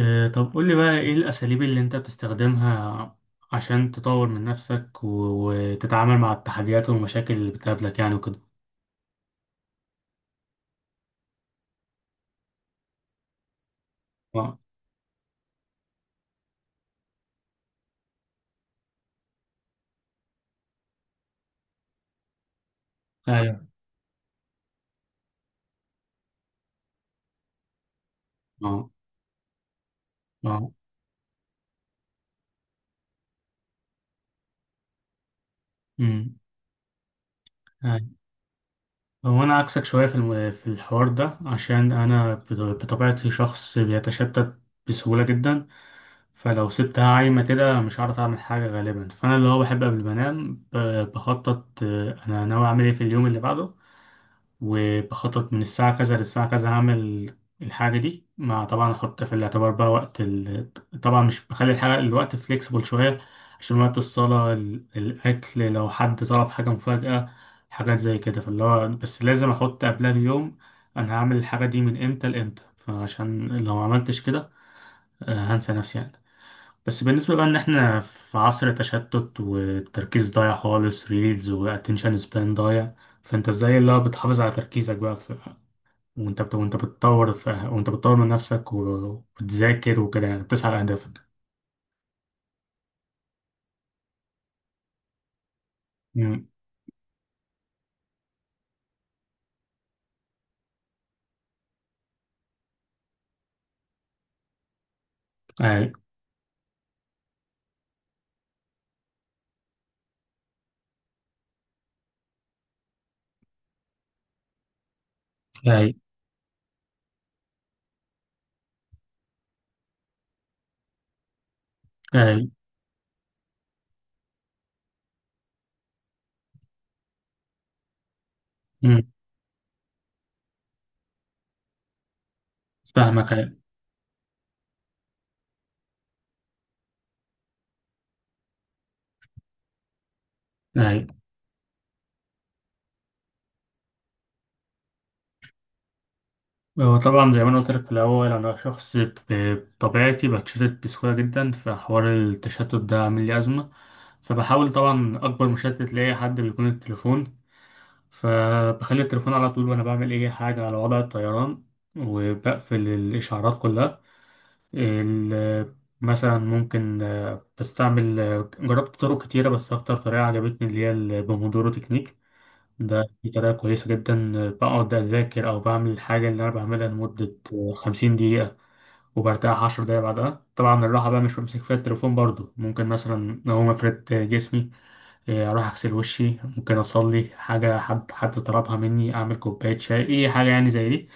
طب قول لي بقى ايه الاساليب اللي انت بتستخدمها عشان تطور من نفسك وتتعامل مع التحديات والمشاكل اللي بتقابلك يعني وكده. اه، ايوه، اه، اه، امم، أيوة. هو انا عكسك شويه في في الحوار ده عشان انا بطبيعتي شخص بيتشتت بسهوله جدا. فلو سبتها عايمه كده مش هعرف اعمل حاجه غالبا، فانا اللي هو بحب قبل ما انام بخطط، انا ناوي اعمل ايه في اليوم اللي بعده، وبخطط من الساعة كذا للساعة كذا هعمل الحاجة دي، مع طبعا أحط في الاعتبار بقى وقت طبعا مش بخلي الحاجة الوقت فليكسبل شوية عشان وقت الصلاة، الأكل، لو حد طلب حاجة مفاجأة، حاجات زي كده. فاللي هو بس لازم أحط قبلها بيوم أنا هعمل الحاجة دي من إمتى لإمتى، فعشان لو ما عملتش كده هنسى نفسي يعني. بس بالنسبة بقى إن إحنا في عصر تشتت والتركيز ضايع خالص، ريلز وأتنشن سبان ضايع. فانت ازاي اللي هو بتحافظ على تركيزك بقى في وانت بتطور في... أه، وانت بتطور من نفسك وبتذاكر وكده بتسعى لأهدافك؟ مم. أي، أي، أي. مم. فاهمك. أي، أي. هو طبعا زي ما أنا قلت لك في الأول، أنا شخص بطبيعتي بتشتت بسهولة جدا، فحوار التشتت ده عامل لي أزمة. فبحاول طبعا، أكبر مشتت لأي حد بيكون التليفون، فبخلي التليفون على طول وأنا بعمل أي حاجة على وضع الطيران، وبقفل الإشعارات كلها. ال- مثلا ممكن، بستعمل، جربت طرق كتيرة بس أكتر طريقة عجبتني اللي هي البومودورو تكنيك. دي طريقة كويسة جدا. بقعد أذاكر أو بعمل الحاجة اللي أنا بعملها لمدة 50 دقيقة، وبرتاح 10 دقايق بعدها. طبعا الراحة بقى مش بمسك فيها التليفون برضو، ممكن مثلا لو ما فردت جسمي أروح أغسل وشي، ممكن أصلي حاجة، حد طلبها مني، أعمل كوباية شاي، أي حاجة يعني زي دي.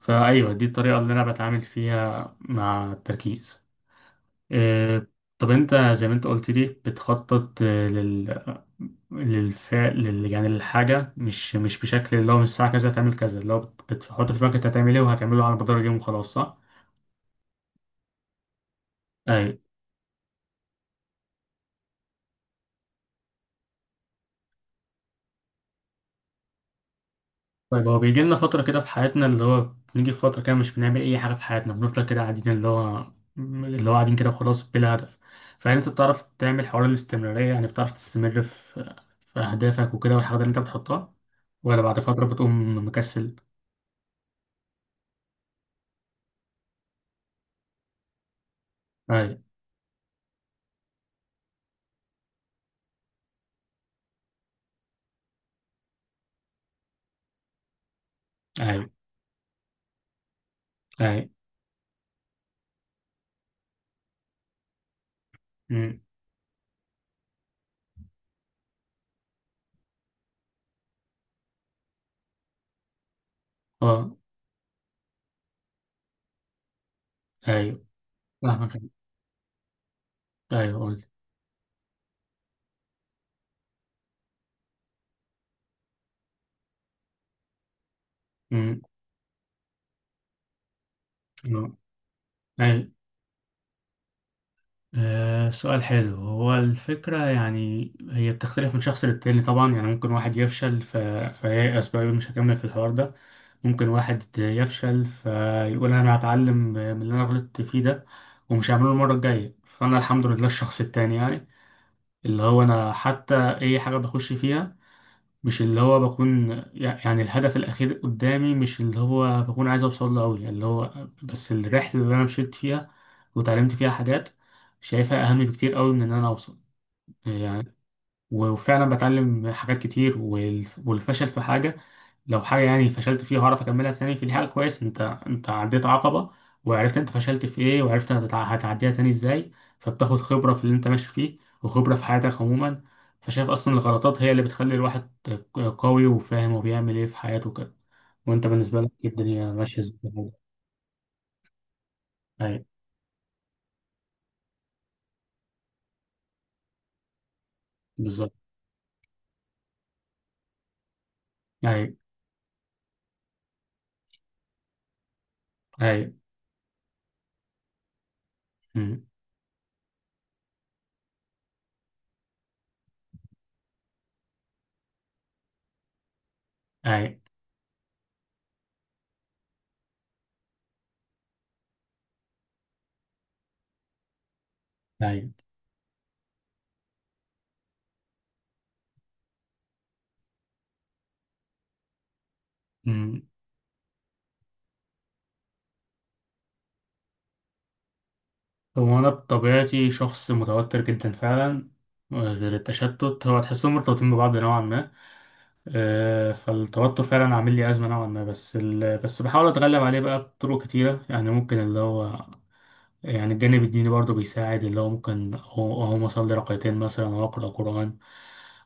فأيوه دي الطريقة اللي أنا بتعامل فيها مع التركيز. آه، طب انت زي ما انت قلت لي بتخطط للفعل يعني للحاجة، مش بشكل اللي هو من الساعة كذا هتعمل كذا، اللي هو بتحط في بالك انت هتعمل ايه وهتعمله على مدار اليوم وخلاص، صح؟ ايوه. طيب، هو بيجي لنا فترة كده في حياتنا اللي هو، بنيجي في فترة كده مش بنعمل أي حاجة في حياتنا، بنفضل كده قاعدين اللي هو قاعدين كده وخلاص بلا هدف. فهل أنت بتعرف تعمل حوار الاستمرارية؟ يعني بتعرف تستمر في أهدافك وكده والحاجات اللي أنت بتحطها، ولا بعد فترة بتقوم مكسل؟ أيوه. أيوه، اي. أمم. اه. ايوه، فاهمك. ايوه، قول. أمم. آه. ايوه. آه. سؤال حلو. هو الفكرة يعني هي بتختلف من شخص للتاني طبعا. يعني ممكن واحد يفشل فييأس بقى يقول مش هكمل في الحوار ده، ممكن واحد يفشل فيقول انا هتعلم من اللي انا غلطت فيه ده، ومش هعمله المرة الجاية. فانا الحمد لله الشخص التاني يعني، اللي هو انا حتى، اي حاجة بخش فيها مش اللي هو بكون يعني الهدف الأخير قدامي، مش اللي هو بكون عايز أوصل له أوي، يعني اللي هو بس الرحلة اللي أنا مشيت فيها وتعلمت فيها حاجات شايفها أهم بكتير أوي من إن أنا أوصل يعني. وفعلا بتعلم حاجات كتير، والفشل في حاجة، لو حاجة يعني فشلت فيها هعرف أكملها تاني، فدي حاجة كويس. أنت عديت عقبة وعرفت أنت فشلت في إيه، وعرفت هتعديها تاني إزاي. فبتاخد خبرة في اللي أنت ماشي فيه وخبرة في حياتك عموما. فشايف أصلا الغلطات هي اللي بتخلي الواحد قوي وفاهم وبيعمل إيه في حياته كده. وأنت بالنسبة لك إيه، الدنيا ماشية إزاي؟ أي. بالظبط. أي، أي. أمم. أي، أي. أمم. هو أنا بطبيعتي شخص متوتر جدا فعلا. غير التشتت، هو تحسهم مرتبطين ببعض نوعا ما. فالتوتر فعلا عامل لي أزمة نوعا ما، بس بس بحاول أتغلب عليه بقى بطرق كتيرة. يعني ممكن اللي هو، يعني الجانب الديني برضه بيساعد، اللي هو ممكن أقوم أصلي ركعتين مثلا، أو أقرأ قرآن.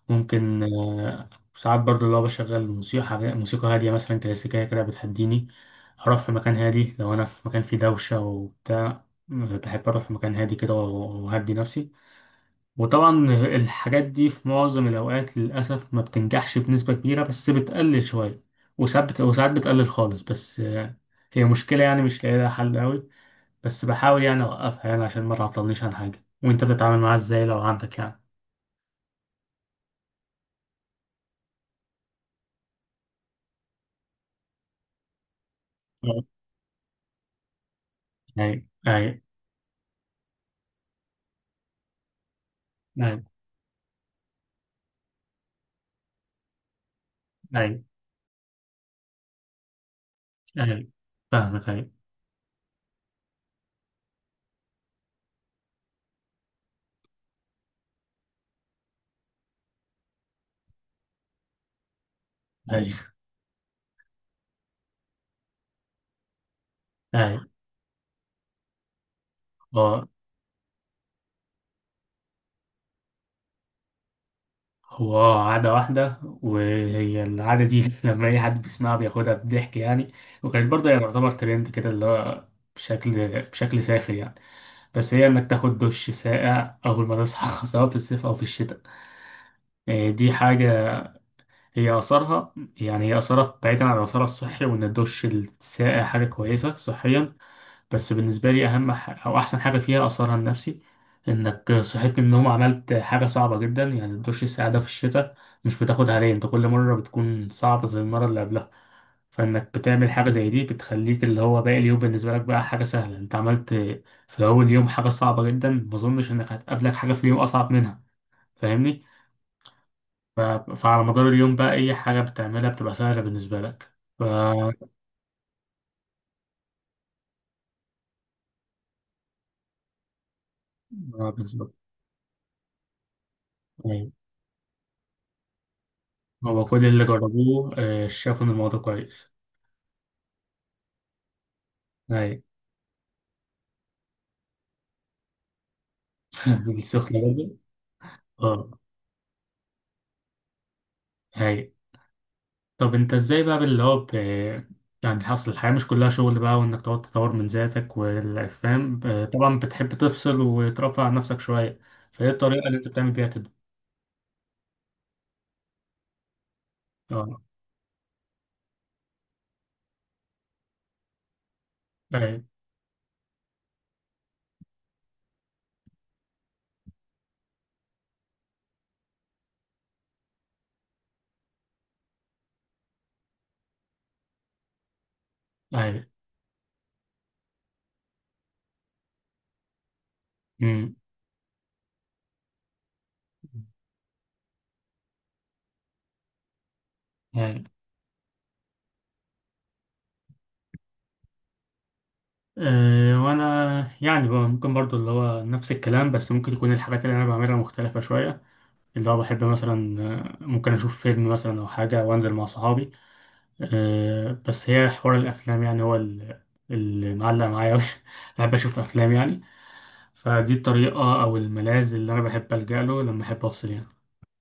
ممكن ساعات برضه اللي هو بشغل موسيقى هادية مثلا كلاسيكية كده بتهديني. أروح في مكان هادي، لو أنا في مكان فيه دوشة وبتاع بحب أروح في مكان هادي كده وأهدي نفسي. وطبعا الحاجات دي في معظم الأوقات للأسف ما بتنجحش بنسبة كبيرة، بس بتقلل شوية، وساعات بتقلل خالص. بس هي مشكلة يعني مش لاقي لها حل أوي، بس بحاول يعني أوقفها يعني عشان ما تعطلنيش عن حاجة. وأنت بتتعامل معاها إزاي لو عندك يعني؟ آه. أي، أي، أي، أي، أي. فاهمك. أي، أي، أي. أه. هو عادة واحدة، وهي العادة دي لما أي حد بيسمعها بياخدها بضحك يعني، وكانت برضه هي تعتبر ترند كده اللي هو بشكل ساخر يعني. بس هي إنك تاخد دش ساقع أول ما تصحى سواء في الصيف أو في الشتاء. دي حاجة هي آثارها، يعني هي آثارها بعيدا عن آثارها الصحي وإن الدش الساقع حاجة كويسة صحيا، بس بالنسبة لي أهم أو أحسن حاجة فيها أثرها النفسي. إنك صحيت من النوم عملت حاجة صعبة جدا، يعني دش السعادة في الشتاء مش بتاخد عليه، أنت كل مرة بتكون صعبة زي المرة اللي قبلها. فإنك بتعمل حاجة زي دي بتخليك اللي هو باقي اليوم بالنسبة لك بقى حاجة سهلة. أنت عملت في أول يوم حاجة صعبة جدا، ما أظنش إنك هتقابلك حاجة في اليوم أصعب منها، فاهمني؟ ف... فعلى مدار اليوم بقى أي حاجة بتعملها بتبقى سهلة بالنسبة لك. ف... آه، بالظبط. أيوة. هو كل اللي جربوه شافوا إن الموضوع كويس. هاي السخنة برضه. اه. هاي. طب انت ازاي بقى اللي هو يعني حصل، الحياة مش كلها شغل بقى وانك تقعد تطور من ذاتك والفهم، طبعا بتحب تفصل وترفع عن نفسك شوية. فايه الطريقة اللي انت بتعمل بيها كده؟ اه. هاي. هاي. امم. هاي. أه. وانا يعني بقى ممكن برضو اللي هو نفس الكلام، بس ممكن يكون الحاجات اللي انا بعملها مختلفة شوية. اللي هو بحب مثلا ممكن اشوف فيلم مثلا او حاجة وانزل مع صحابي. بس هي حوار الأفلام يعني، هو اللي معلق معايا أوي بحب أشوف أفلام يعني. فدي الطريقة أو الملاذ اللي أنا بحب ألجأ له لما أحب أفصل يعني.